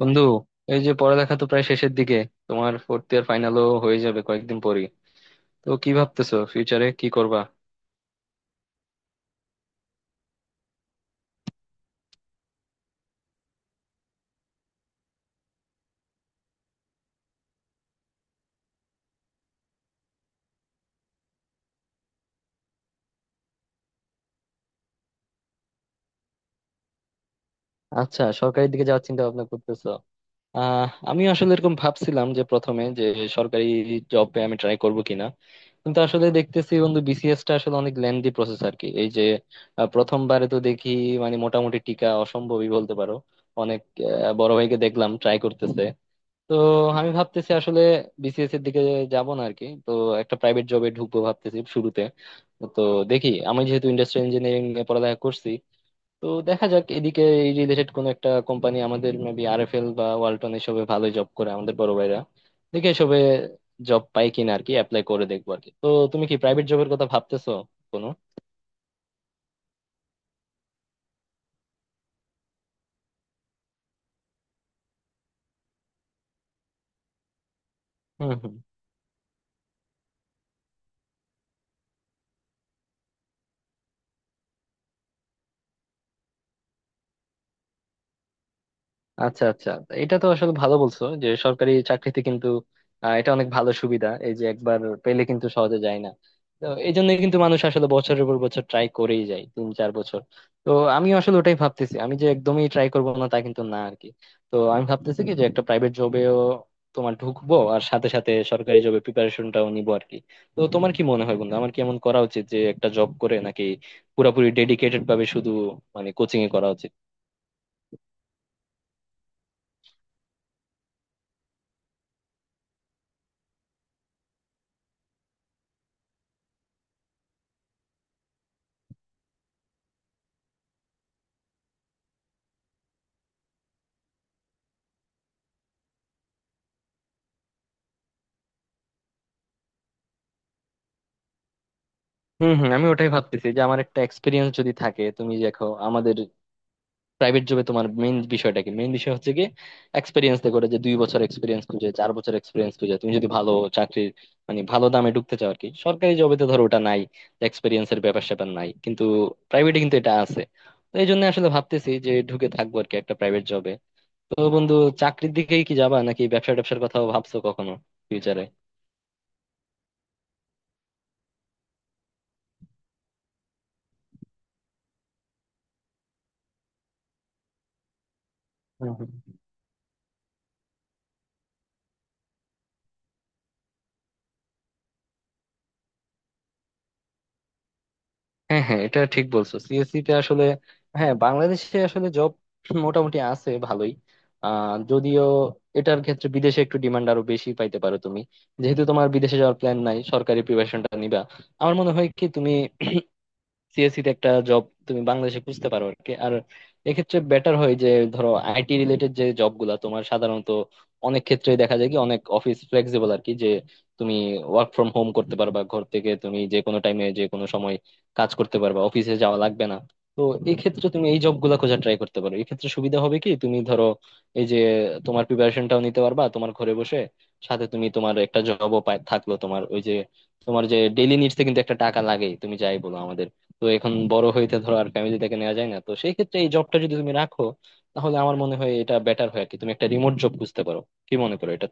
বন্ধু, এই যে পড়ালেখা তো প্রায় শেষের দিকে। তোমার ফোর্থ ইয়ার ফাইনালও হয়ে যাবে কয়েকদিন পরেই। তো কি ভাবতেছো, ফিউচারে কি করবা? আচ্ছা, সরকারির দিকে যাওয়ার চিন্তা ভাবনা করতেছো? আমি আসলে এরকম ভাবছিলাম যে প্রথমে যে সরকারি জবে আমি ট্রাই করব কিনা। কিন্তু আসলে দেখতেছি বন্ধু, বিসিএস টা আসলে অনেক লেন্দি প্রসেস আর কি। এই যে প্রথমবারে তো দেখি মানে মোটামুটি টিকা অসম্ভবই বলতে পারো। অনেক বড় ভাইকে দেখলাম ট্রাই করতেছে। তো আমি ভাবতেছি আসলে বিসিএস এর দিকে যাব না আরকি। তো একটা প্রাইভেট জবে ঢুকবো ভাবতেছি শুরুতে। তো দেখি, আমি যেহেতু ইন্ডাস্ট্রিয়াল ইঞ্জিনিয়ারিং এ পড়ালেখা করছি, তো দেখা যাক এদিকে এই রিলেটেড কোন একটা কোম্পানি আমাদের মেবি আরএফএল বা ওয়ালটন এসবে ভালো জব করে আমাদের বড় ভাইরা। দেখি এসবে জব পাই কিনা আরকি, অ্যাপ্লাই করে দেখবো আরকি। তো তুমি কি প্রাইভেট জবের কথা ভাবতেছো কোনো? হম। আচ্ছা আচ্ছা, এটা তো আসলে ভালো বলছো যে সরকারি চাকরিতে কিন্তু এটা অনেক ভালো সুবিধা। এই যে একবার পেলে কিন্তু সহজে যায় না। তো এই জন্যই কিন্তু মানুষ আসলে বছরের পর বছর ট্রাই করেই যায়, 3-4 বছর। তো আমি আসলে ওটাই ভাবতেছি, আমি যে একদমই ট্রাই করবো না তা কিন্তু না আর কি। তো আমি ভাবতেছি কি যে একটা প্রাইভেট জবেও তোমার ঢুকবো আর সাথে সাথে সরকারি জবে প্রিপারেশনটাও নিবো আর কি। তো তোমার কি মনে হয় বন্ধু, আমার কি এমন করা উচিত যে একটা জব করে নাকি পুরোপুরি ডেডিকেটেড ভাবে শুধু মানে কোচিং এ করা উচিত? হম হম, আমি ওটাই ভাবতেছি যে আমার একটা এক্সপিরিয়েন্স যদি থাকে। তুমি দেখো আমাদের প্রাইভেট জবে তোমার মেইন বিষয়টা কি, মেইন বিষয় হচ্ছে কি এক্সপিরিয়েন্স। করে যে 2 বছর এক্সপিরিয়েন্স খুঁজে, 4 বছর এক্সপিরিয়েন্স খুঁজে, তুমি যদি ভালো চাকরির মানে ভালো দামে ঢুকতে চাও আর কি। সরকারি জবে তো ধরো ওটা নাই, এক্সপিরিয়েন্সের ব্যাপার স্যাপার নাই কিন্তু প্রাইভেটে কিন্তু এটা আছে। তো এই জন্য আসলে ভাবতেছি যে ঢুকে থাকবো আর কি একটা প্রাইভেট জবে। তো বন্ধু, চাকরির দিকেই কি যাবা নাকি ব্যবসা ট্যাবসার কথাও ভাবছো কখনো ফিউচারে? হ্যাঁ হ্যাঁ, এটা ঠিক বলছো, সিএসসি তে আসলে হ্যাঁ বাংলাদেশে আসলে জব মোটামুটি আছে ভালোই। যদিও এটার ক্ষেত্রে বিদেশে একটু ডিমান্ড আরো বেশি পাইতে পারো তুমি। যেহেতু তোমার বিদেশে যাওয়ার প্ল্যান নাই, সরকারি প্রিপারেশনটা নিবা, আমার মনে হয় কি তুমি সিএসসি তে একটা জব তুমি বাংলাদেশে খুঁজতে পারো আর কি। আর এক্ষেত্রে বেটার হয় যে ধরো আইটি রিলেটেড যে জব গুলা তোমার সাধারণত অনেক ক্ষেত্রে দেখা যায় কি অনেক অফিস ফ্লেক্সিবল আর কি, যে তুমি ওয়ার্ক ফ্রম হোম করতে পারবা ঘর থেকে, তুমি যে কোনো টাইমে যে কোনো সময় কাজ করতে পারবা, অফিসে যাওয়া লাগবে না। তো এই ক্ষেত্রে তুমি এই জব গুলা খোঁজার ট্রাই করতে পারো। এই ক্ষেত্রে সুবিধা হবে কি, তুমি ধরো এই যে তোমার প্রিপারেশনটাও নিতে পারবা তোমার ঘরে বসে, সাথে তুমি তোমার একটা জবও পাই থাকলো। তোমার ওই যে তোমার যে ডেইলি নিডস কিন্তু একটা টাকা লাগে, তুমি যাই বলো। তো এখন বড় হইতে ধরো আর ফ্যামিলি থেকে নেওয়া যায় না, তো সেই ক্ষেত্রে এই জবটা যদি তুমি রাখো, তাহলে আমার মনে হয় এটা বেটার হয় আর কি। তুমি একটা রিমোট জব খুঁজতে পারো, কি মনে করো এটা?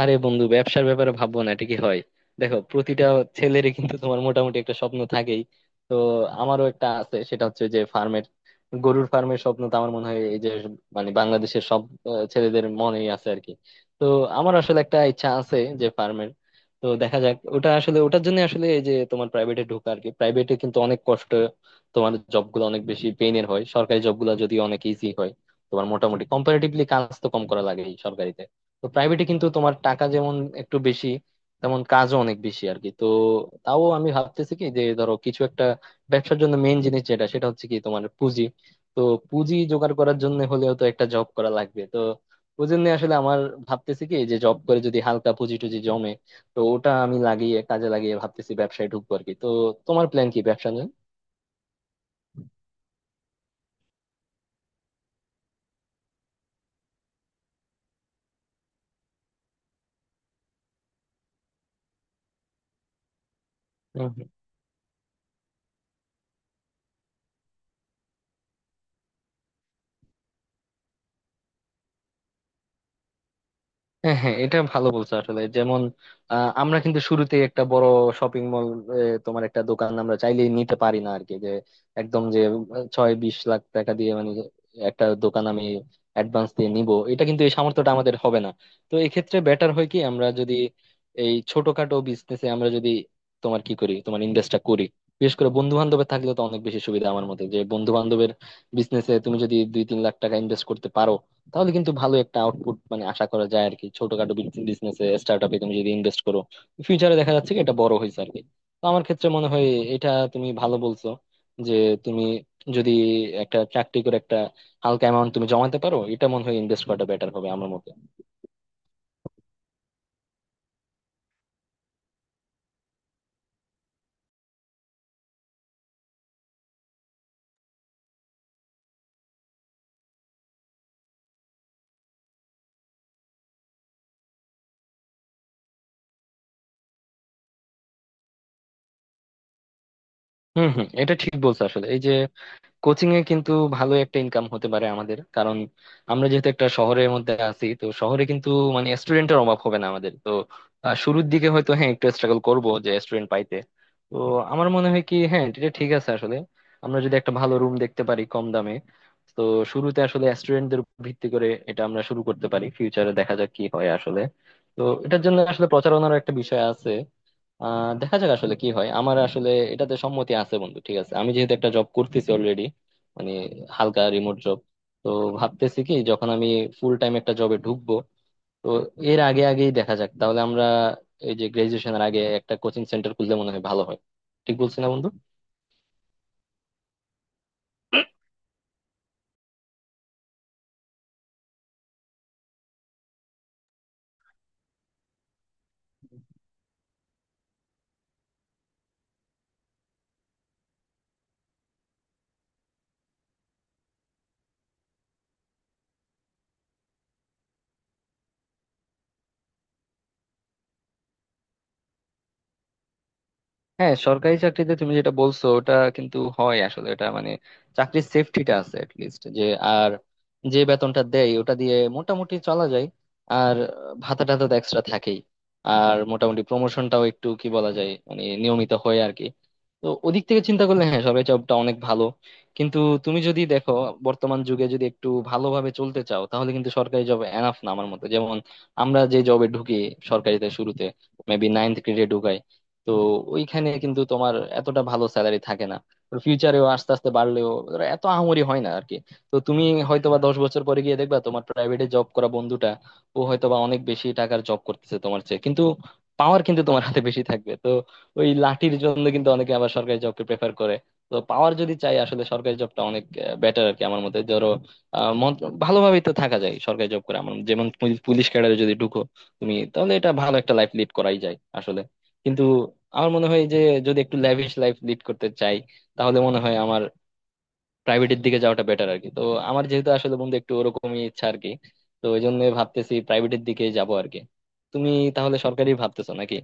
আরে বন্ধু, ব্যবসার ব্যাপারে ভাববো না এটা কি হয়! দেখো, প্রতিটা ছেলেরই কিন্তু তোমার মোটামুটি একটা স্বপ্ন থাকেই। তো আমারও একটা আছে, সেটা হচ্ছে যে ফার্মের, গরুর ফার্মের স্বপ্ন। তো আমার মনে হয় এই যে মানে বাংলাদেশের সব ছেলেদের মনেই আছে আর কি। তো আমার আসলে একটা ইচ্ছা আছে যে ফার্মের। তো দেখা যাক ওটা আসলে, ওটার জন্য আসলে এই যে তোমার প্রাইভেটে ঢোকা আর কি। প্রাইভেটে কিন্তু অনেক কষ্ট, তোমার জবগুলো অনেক বেশি পেইনের হয়। সরকারি জবগুলো যদি অনেক ইজি হয়, তোমার মোটামুটি কম্পারেটিভলি কাজ তো কম করা লাগে সরকারিতে। তো প্রাইভেটে কিন্তু তোমার টাকা যেমন একটু বেশি, তেমন কাজও অনেক বেশি আর কি। তো তাও আমি ভাবতেছি কি, যে ধরো কিছু একটা ব্যবসার জন্য মেইন জিনিস যেটা, সেটা হচ্ছে কি তোমার পুঁজি। তো পুঁজি জোগাড় করার জন্য হলেও তো একটা জব করা লাগবে। তো ওই জন্য আসলে আমার ভাবতেছি কি যে জব করে যদি হালকা পুঁজি টুজি জমে, তো ওটা আমি লাগিয়ে কাজে লাগিয়ে ভাবতেছি ব্যবসায় ঢুকবো আর কি। তো তোমার প্ল্যান কি ব্যবসা নিয়ে? হ্যাঁ হ্যাঁ, এটা ভালো বলছো আসলে। যেমন আমরা কিন্তু শুরুতেই একটা বড় শপিং মল, তোমার একটা দোকান আমরা চাইলেই নিতে পারি না আর কি। যে একদম যে 6-20 লাখ টাকা দিয়ে মানে একটা দোকান আমি অ্যাডভান্স দিয়ে নিব, এটা কিন্তু এই সামর্থ্যটা আমাদের হবে না। তো এই ক্ষেত্রে বেটার হয় কি, আমরা যদি এই ছোটখাটো বিজনেসে আমরা যদি তোমার কি করি তোমার ইনভেস্টটা করি, বিশেষ করে বন্ধু বান্ধবের থাকলে তো অনেক বেশি সুবিধা। আমার মতে যে বন্ধু বান্ধবের বিজনেসে তুমি যদি 2-3 লাখ টাকা ইনভেস্ট করতে পারো, তাহলে কিন্তু ভালো একটা আউটপুট মানে আশা করা যায় আর কি। ছোটখাটো বিজনেসে স্টার্টআপে তুমি যদি ইনভেস্ট করো, ফিউচারে দেখা যাচ্ছে কি এটা বড় হয়েছে আর কি। তো আমার ক্ষেত্রে মনে হয় এটা তুমি ভালো বলছো যে তুমি যদি একটা চাকরি করে একটা হালকা অ্যামাউন্ট তুমি জমাতে পারো, এটা মনে হয় ইনভেস্ট করাটা বেটার হবে আমার মতে। হম হম, এটা ঠিক বলছো আসলে। এই যে কোচিং এ কিন্তু ভালো একটা ইনকাম হতে পারে আমাদের, কারণ আমরা যেহেতু একটা শহরের মধ্যে আছি, তো শহরে কিন্তু মানে স্টুডেন্টের অভাব হবে না আমাদের। তো শুরুর দিকে হয়তো হ্যাঁ একটু স্ট্রাগল করব যে স্টুডেন্ট পাইতে। তো আমার মনে হয় কি, হ্যাঁ এটা ঠিক আছে আসলে। আমরা যদি একটা ভালো রুম দেখতে পারি কম দামে, তো শুরুতে আসলে স্টুডেন্টদের ভিত্তি করে এটা আমরা শুরু করতে পারি, ফিউচারে দেখা যাক কি হয় আসলে। তো এটার জন্য আসলে প্রচারণার একটা বিষয় আছে। দেখা যাক আসলে কি হয়। আমার আসলে এটাতে সম্মতি আছে বন্ধু, ঠিক আছে। আমি যেহেতু একটা জব করতেছি অলরেডি মানে হালকা রিমোট জব, তো ভাবতেছি কি যখন আমি ফুল টাইম একটা জবে ঢুকবো, তো এর আগে আগেই দেখা যাক তাহলে আমরা এই যে গ্রাজুয়েশনের আগে একটা কোচিং সেন্টার খুললে মনে হয় ভালো হয়। ঠিক বলছি না বন্ধু? হ্যাঁ, সরকারি চাকরিতে তুমি যেটা বলছো ওটা কিন্তু হয় আসলে। এটা মানে চাকরির সেফটিটা আছে লিস্ট যে। আর যে বেতনটা দেয় ওটা দিয়ে মোটামুটি চলা যায়। আর ভাতা টাতা তো এক্সট্রা থাকেই। আর মোটামুটি প্রমোশনটাও একটু কি বলা যায় মানে নিয়মিত হয় আর কি। তো ওদিক থেকে চিন্তা করলে হ্যাঁ সরকারি জবটা অনেক ভালো। কিন্তু তুমি যদি দেখো বর্তমান যুগে যদি একটু ভালোভাবে চলতে চাও, তাহলে কিন্তু সরকারি জব এনাফ না আমার মতে। যেমন আমরা যে জবে ঢুকি সরকারিতে শুরুতে মেবি নাইনথ গ্রেডে, তো ওইখানে কিন্তু তোমার এতটা ভালো স্যালারি থাকে না। ফিউচারেও আস্তে আস্তে বাড়লেও ওরা এত আহামরি হয় না আর কি। তো তুমি হয়তোবা 10 বছর পরে গিয়ে দেখবা তোমার প্রাইভেটে জব করা বন্ধুটা ও হয়তোবা অনেক বেশি টাকার জব করতেছে তোমার চেয়ে। কিন্তু পাওয়ার কিন্তু তোমার হাতে বেশি থাকবে। তো ওই লাঠির জন্য কিন্তু অনেকে আবার সরকারি জবকে প্রেফার করে। তো পাওয়ার যদি চাই আসলে সরকারি জবটা অনেক বেটার আর কি আমার মতে। ধরো ভালোভাবেই তো থাকা যায় সরকারি জব করে। আমার যেমন পুলিশ ক্যাডারে যদি ঢুকো তুমি, তাহলে এটা ভালো একটা লাইফ লিড করাই যায় আসলে। কিন্তু আমার মনে হয় যে যদি একটু ল্যাভিশ লাইফ লিড করতে চাই, তাহলে মনে হয় আমার প্রাইভেটের দিকে যাওয়াটা বেটার আর কি। তো আমার যেহেতু আসলে বন্ধু একটু ওরকমই ইচ্ছা আর কি, তো ওই জন্য ভাবতেছি প্রাইভেটের দিকে যাবো আর কি। তুমি তাহলে সরকারি ভাবতেছো নাকি?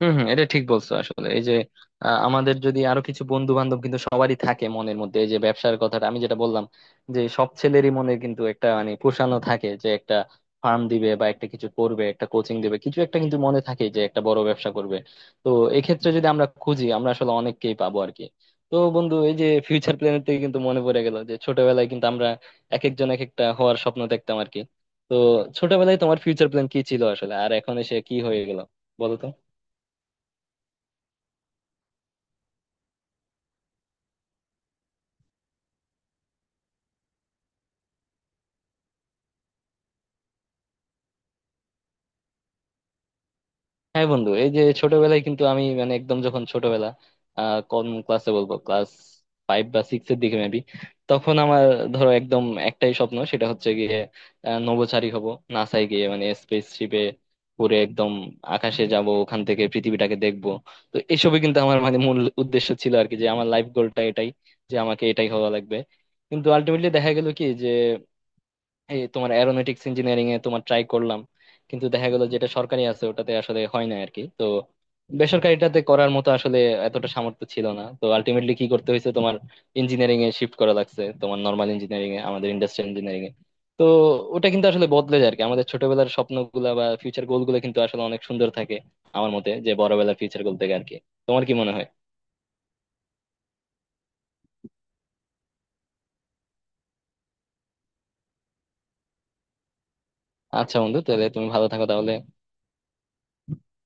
হম হম, এটা ঠিক বলছো আসলে। এই যে আমাদের যদি আরো কিছু বন্ধু বান্ধব, কিন্তু সবারই থাকে মনের মধ্যে এই যে ব্যবসার কথাটা আমি যেটা বললাম, যে সব ছেলেরই মনে কিন্তু একটা মানে পোষানো থাকে যে একটা ফার্ম দিবে বা একটা কিছু করবে, একটা কোচিং দিবে, কিছু একটা কিন্তু মনে থাকে যে একটা বড় ব্যবসা করবে। তো এক্ষেত্রে যদি আমরা খুঁজি, আমরা আসলে অনেককেই পাবো আর কি। তো বন্ধু এই যে ফিউচার প্ল্যানের থেকে কিন্তু মনে পড়ে গেল যে ছোটবেলায় কিন্তু আমরা এক একজন এক একটা হওয়ার স্বপ্ন দেখতাম আর কি। তো ছোটবেলায় তোমার ফিউচার প্ল্যান কি ছিল আসলে আর এখন এসে কি হয়ে গেল, বলো তো? হ্যাঁ বন্ধু, এই যে ছোটবেলায় কিন্তু আমি মানে একদম যখন ছোটবেলা কোন ক্লাসে বলবো, ক্লাস ফাইভ বা সিক্স এর দিকে মেবি, তখন আমার ধরো একদম একটাই স্বপ্ন, সেটা হচ্ছে গিয়ে নভোচারী হব, নাসায় গিয়ে মানে স্পেসশিপে ঘুরে একদম আকাশে যাব, ওখান থেকে পৃথিবীটাকে দেখব। তো এসবই কিন্তু আমার মানে মূল উদ্দেশ্য ছিল আর কি, যে আমার লাইফ গোলটা এটাই যে আমাকে এটাই হওয়া লাগবে। কিন্তু আলটিমেটলি দেখা গেল কি যে এই তোমার অ্যারোনটিক্স ইঞ্জিনিয়ারিং এ তোমার ট্রাই করলাম, কিন্তু দেখা গেল যেটা সরকারি আছে ওটাতে আসলে হয় না আর কি। তো বেসরকারিটাতে করার মতো আসলে এতটা সামর্থ্য ছিল না, তো আলটিমেটলি কি করতে হয়েছে, তোমার ইঞ্জিনিয়ারিং এ শিফট করা লাগছে, তোমার নর্মাল ইঞ্জিনিয়ারিং এ আমাদের ইন্ডাস্ট্রিয়াল ইঞ্জিনিয়ারিং এ। তো ওটা কিন্তু আসলে বদলে যায় আর কি। আমাদের ছোটবেলার স্বপ্নগুলা বা ফিউচার গোল গুলো কিন্তু আসলে অনেক সুন্দর থাকে আমার মতে, যে বড়বেলার ফিউচার গোল থেকে আর কি। তোমার কি মনে হয়? আচ্ছা বন্ধু, তাহলে তুমি ভালো থাকো তাহলে।